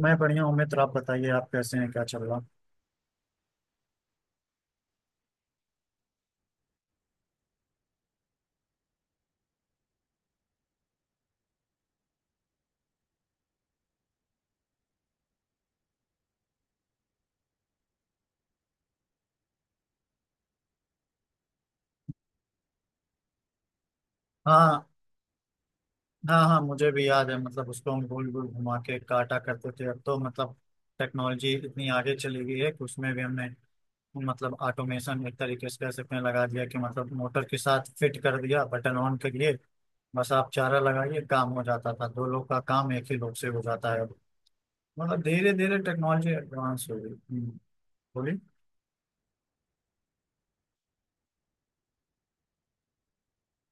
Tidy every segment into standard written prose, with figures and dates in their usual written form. मैं बढ़िया हूँ मित्र। आप बताइए, आप कैसे हैं? क्या चल रहा? हाँ हाँ हाँ, मुझे भी याद है। मतलब उसको हम गोल गोल घुमा के काटा करते थे। अब तो मतलब टेक्नोलॉजी इतनी आगे चली गई है कि उसमें भी हमने मतलब ऑटोमेशन एक तरीके से कह सकते हैं लगा दिया कि मतलब मोटर के साथ फिट कर दिया, बटन ऑन करिए, बस आप चारा लगाइए, काम हो जाता था। दो लोग का काम एक ही लोग से हो जाता है। मतलब धीरे धीरे टेक्नोलॉजी एडवांस हो गई। बोलिए।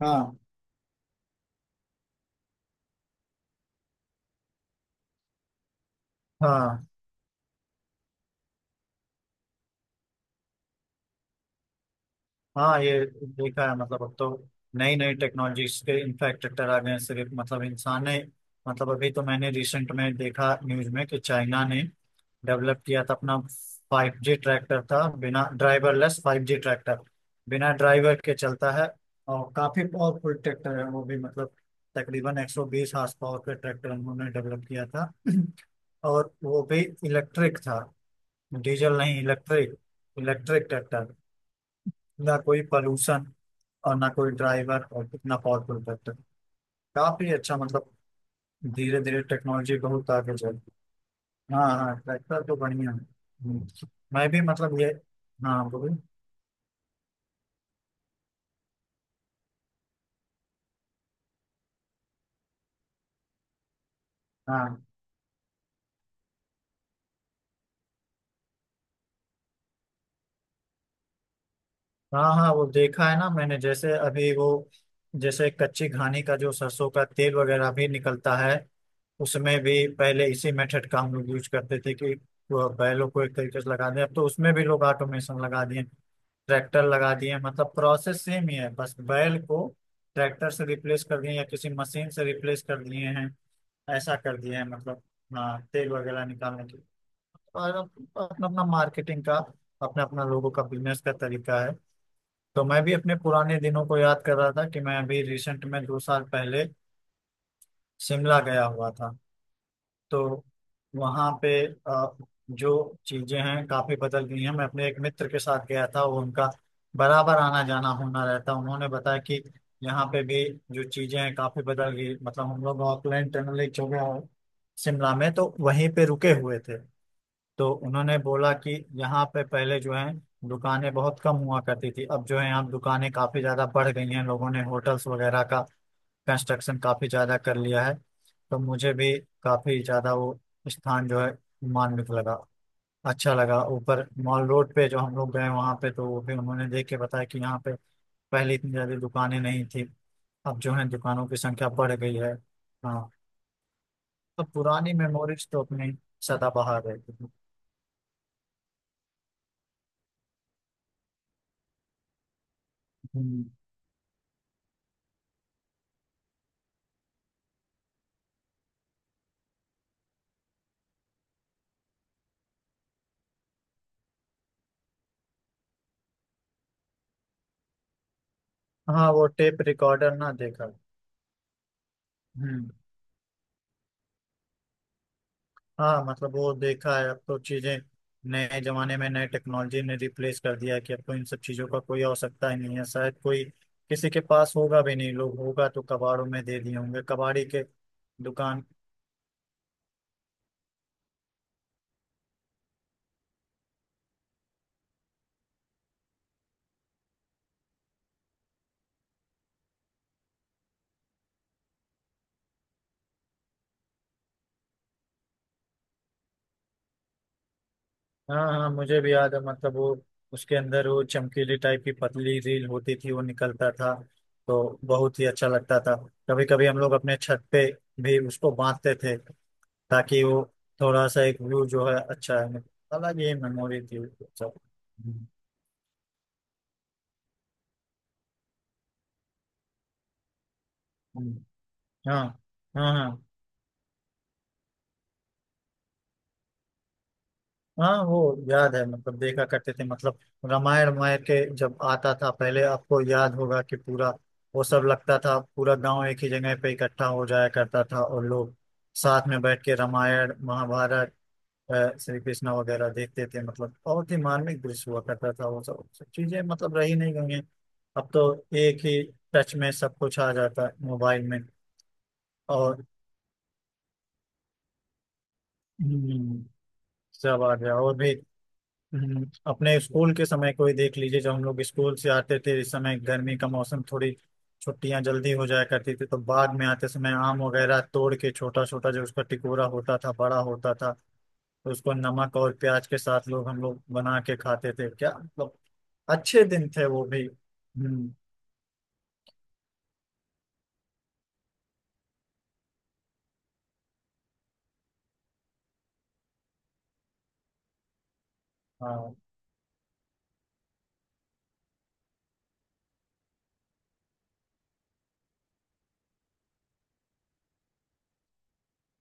हाँ हाँ हाँ, ये देखा है। मतलब अब तो नई नई टेक्नोलॉजीज के इनफैक्ट ट्रैक्टर आ गए हैं। सिर्फ मतलब इंसान ने मतलब अभी तो मैंने रिसेंट में देखा न्यूज में कि चाइना ने डेवलप किया था अपना फाइव जी ट्रैक्टर, था बिना ड्राइवरलेस फाइव जी ट्रैक्टर। बिना ड्राइवर के चलता है और काफी पावरफुल ट्रैक्टर है वो भी। मतलब तकरीबन 120 हॉर्स पावर का ट्रैक्टर उन्होंने डेवलप किया था और वो भी इलेक्ट्रिक था। डीजल नहीं, इलेक्ट्रिक। Electric tractor. ना कोई पॉल्यूशन और ना कोई ड्राइवर, और कितना पावरफुल ट्रैक्टर। काफी अच्छा मतलब। धीरे धीरे टेक्नोलॉजी बहुत आगे चल। हाँ हाँ, ट्रैक्टर तो बढ़िया है। हम्म। मैं भी मतलब ये। हाँ बोलिए। हाँ हाँ हाँ, वो देखा है ना मैंने, जैसे अभी वो जैसे कच्ची घानी का जो सरसों का तेल वगैरह भी निकलता है, उसमें भी पहले इसी मेथड का हम लोग यूज करते थे कि वो बैलों को एक तरीके से लगा दें। अब तो उसमें भी लोग ऑटोमेशन लगा दिए, ट्रैक्टर लगा दिए। मतलब प्रोसेस सेम ही है, बस बैल को ट्रैक्टर से रिप्लेस कर दिए या किसी मशीन से रिप्लेस कर दिए हैं। ऐसा कर दिए हैं मतलब। हाँ, तेल वगैरह निकालने के लिए। और अपना अपना मार्केटिंग का, अपना अपना लोगों का बिजनेस का तरीका है। तो मैं भी अपने पुराने दिनों को याद कर रहा था कि मैं अभी रिसेंट में दो साल पहले शिमला गया हुआ था। तो वहाँ पे जो चीजें हैं काफी बदल गई हैं। मैं अपने एक मित्र के साथ गया था, वो उनका बराबर आना जाना होना रहता। उन्होंने बताया कि यहाँ पे भी जो चीजें हैं काफी बदल गई। मतलब हम लोग ऑकलैंड टनल एक जगह है शिमला में, तो वहीं पे रुके हुए थे। तो उन्होंने बोला कि यहाँ पे पहले जो है दुकानें बहुत कम हुआ करती थी। अब जो है यहाँ दुकानें काफी ज्यादा बढ़ गई हैं। लोगों ने होटल्स वगैरह का कंस्ट्रक्शन काफी ज्यादा कर लिया है। तो मुझे भी काफी ज्यादा वो स्थान जो है मार्मिक लगा, अच्छा लगा। ऊपर मॉल रोड पे जो हम लोग गए वहां पे, तो वो भी उन्होंने देख के बताया कि यहाँ पे पहले इतनी ज्यादा दुकानें नहीं थी, अब जो है दुकानों की संख्या बढ़ गई है। हाँ, तो पुरानी मेमोरीज तो अपनी सदाबहार है। हम्म। हाँ, वो टेप रिकॉर्डर ना देखा। हम्म। हाँ मतलब वो देखा है। अब तो चीजें नए जमाने में नए टेक्नोलॉजी ने रिप्लेस कर दिया है कि अब तो इन सब चीजों का कोई आवश्यकता ही नहीं है। शायद कोई किसी के पास होगा भी नहीं, लोग होगा तो कबाड़ों में दे दिए होंगे कबाड़ी के दुकान। हाँ हाँ, मुझे भी याद है। मतलब वो उसके अंदर वो चमकीली टाइप की पतली रील होती थी, वो निकलता था। तो बहुत ही अच्छा लगता था। कभी कभी हम लोग अपने छत पे भी उसको बांधते थे, ताकि वो थोड़ा सा एक व्यू जो है अच्छा है। मतलब अलग ही मेमोरी थी वो सब। हम्म। हाँ हाँ हाँ हाँ, वो याद है। मतलब देखा करते थे। मतलब रामायण, रामायण के जब आता था पहले, आपको याद होगा कि पूरा वो सब लगता था। पूरा गांव एक ही जगह पे इकट्ठा हो जाया करता था, और लोग साथ में बैठ के रामायण, महाभारत, श्री कृष्णा वगैरह देखते थे। मतलब बहुत ही मार्मिक दृश्य हुआ करता था वो सब। सब चीजें मतलब रही नहीं गई हैं। अब तो एक ही टच में सब कुछ आ जाता है मोबाइल में। और हम्म, सब आ गया और भी। अपने स्कूल के समय को ही देख लीजिए। जब हम लोग स्कूल से आते थे इस समय गर्मी का मौसम, थोड़ी छुट्टियां जल्दी हो जाया करती थी। तो बाद में आते समय आम वगैरह तोड़ के, छोटा छोटा जो उसका टिकोरा होता था, बड़ा होता था, तो उसको नमक और प्याज के साथ लोग हम लोग बना के खाते थे। क्या मतलब, अच्छे दिन थे वो भी। हम्म। हाँ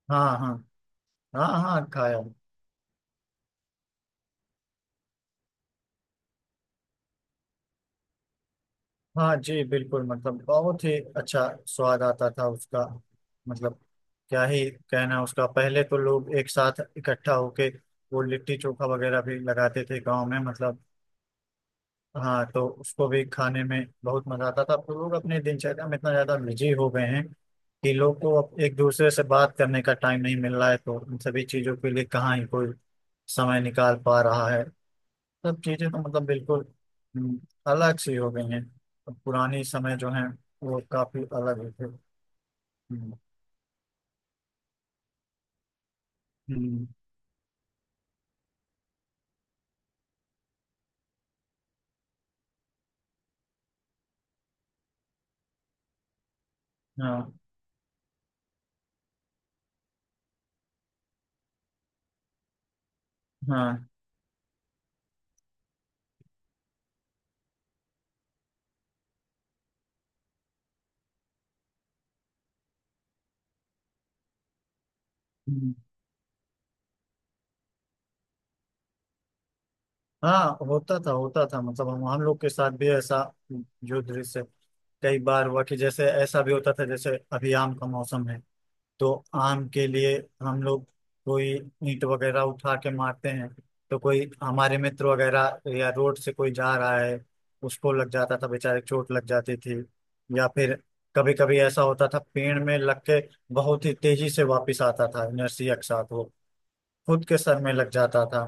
हाँ हाँ हाँ, हाँ खाया। हाँ जी बिल्कुल। मतलब बहुत ही अच्छा स्वाद आता था उसका। मतलब क्या ही कहना उसका। पहले तो लोग एक साथ इकट्ठा होके वो लिट्टी चोखा वगैरह भी लगाते थे गांव में मतलब। हाँ, तो उसको भी खाने में बहुत मजा आता था। अब तो लोग अपने दिनचर्या में इतना ज्यादा बिजी हो गए हैं कि लोग को अब एक दूसरे से बात करने का टाइम नहीं मिल रहा है। तो इन सभी चीजों के लिए कहाँ ही कोई समय निकाल पा रहा है। सब चीजें तो मतलब बिल्कुल हम्म, अलग सी हो गई हैं। अब पुरानी समय जो है वो काफी अलग होते। हम्म। हम्म, हाँ हाँ। हम्म। हाँ होता था होता था। मतलब हम लोग के साथ भी ऐसा जो दृश्य कई बार हुआ, कि जैसे ऐसा भी होता था, जैसे अभी आम का मौसम है तो आम के लिए हम लोग कोई ईंट वगैरह उठा के मारते हैं। तो कोई हमारे मित्र वगैरह या रोड से कोई जा रहा है, उसको लग जाता था, बेचारे चोट लग जाती थी। या फिर कभी कभी ऐसा होता था, पेड़ में लग के बहुत ही तेजी से वापस आता था इनर्शिया के साथ वो, खुद के सर में लग जाता था।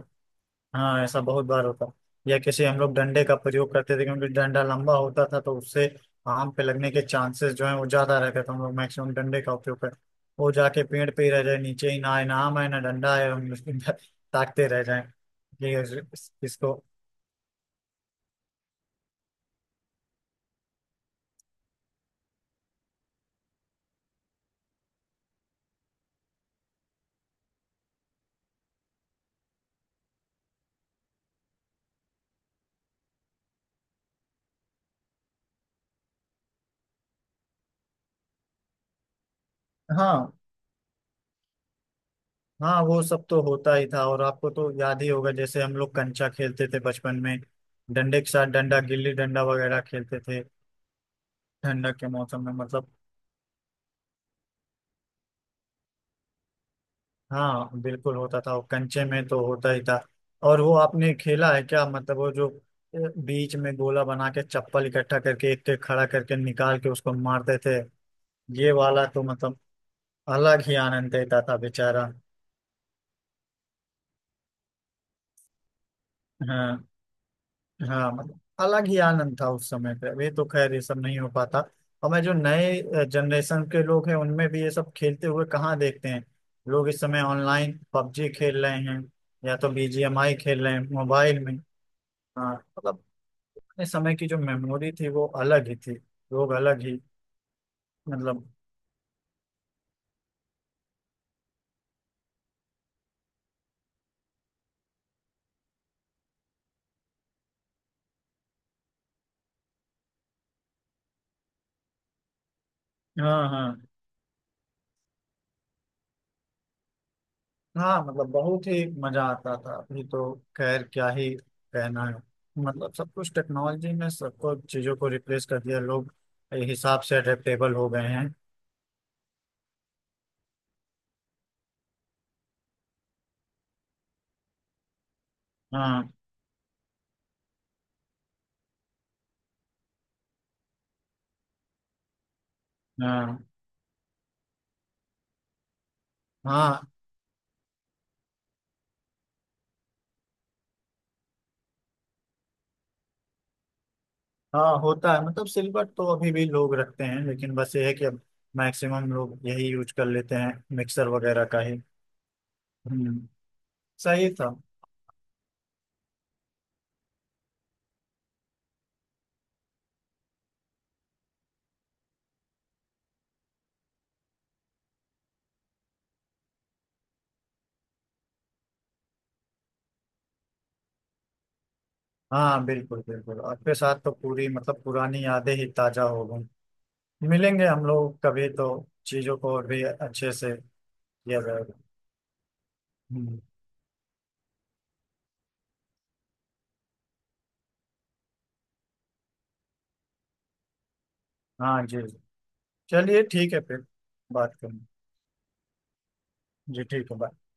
हाँ ऐसा बहुत बार होता। या किसी हम लोग डंडे का प्रयोग करते थे, क्योंकि डंडा लंबा होता था, तो उससे आम पे लगने के चांसेस जो है वो ज्यादा रहते थे। हम लोग मैक्सिमम डंडे का उपयोग करते, वो जाके पेड़ पे ही रह जाए, नीचे ही ना आए, ना आम आए, ना डंडा आए, हम उसको ताकते रह जाए। इसको। हाँ हाँ, वो सब तो होता ही था। और आपको तो याद ही होगा, जैसे हम लोग कंचा खेलते थे बचपन में, डंडे के साथ डंडा, गिल्ली डंडा वगैरह खेलते थे। ठंडक के मौसम में मतलब। हाँ बिल्कुल होता था वो, कंचे में तो होता ही था। और वो आपने खेला है क्या, मतलब वो जो बीच में गोला बना के, चप्पल इकट्ठा करके एक एक खड़ा करके निकाल के उसको मारते थे। ये वाला तो मतलब अलग ही आनंद देता था बेचारा। हाँ हाँ, मतलब अलग ही आनंद था उस समय पे। अभी तो खैर ये सब नहीं हो पाता। और मैं, जो नए जनरेशन के लोग हैं उनमें भी ये सब खेलते हुए कहाँ देखते हैं। लोग इस समय ऑनलाइन पबजी खेल रहे हैं, या तो बीजीएमआई खेल रहे हैं मोबाइल में। हाँ मतलब अपने समय की जो मेमोरी थी वो अलग ही थी। लोग अलग ही मतलब। हाँ हाँ हाँ, मतलब बहुत ही मजा आता था। अभी तो खैर क्या ही कहना है। मतलब सब कुछ टेक्नोलॉजी में सबको, चीजों को रिप्लेस कर दिया। लोग हिसाब से अडेप्टेबल हो गए हैं। हाँ हाँ हाँ हाँ, होता है। मतलब सिल्वर तो अभी भी लोग रखते हैं, लेकिन बस ये है कि अब मैक्सिमम लोग यही यूज कर लेते हैं, मिक्सर वगैरह का ही। हम्म। सही था। हाँ बिल्कुल बिल्कुल, आपके साथ तो पूरी मतलब पुरानी यादें ही ताजा हो गई। मिलेंगे हम लोग कभी, तो चीजों को और भी अच्छे से किया जाएगा। हम्म, हाँ जी। चलिए ठीक है फिर। बात करेंगे। जी ठीक है, बाय।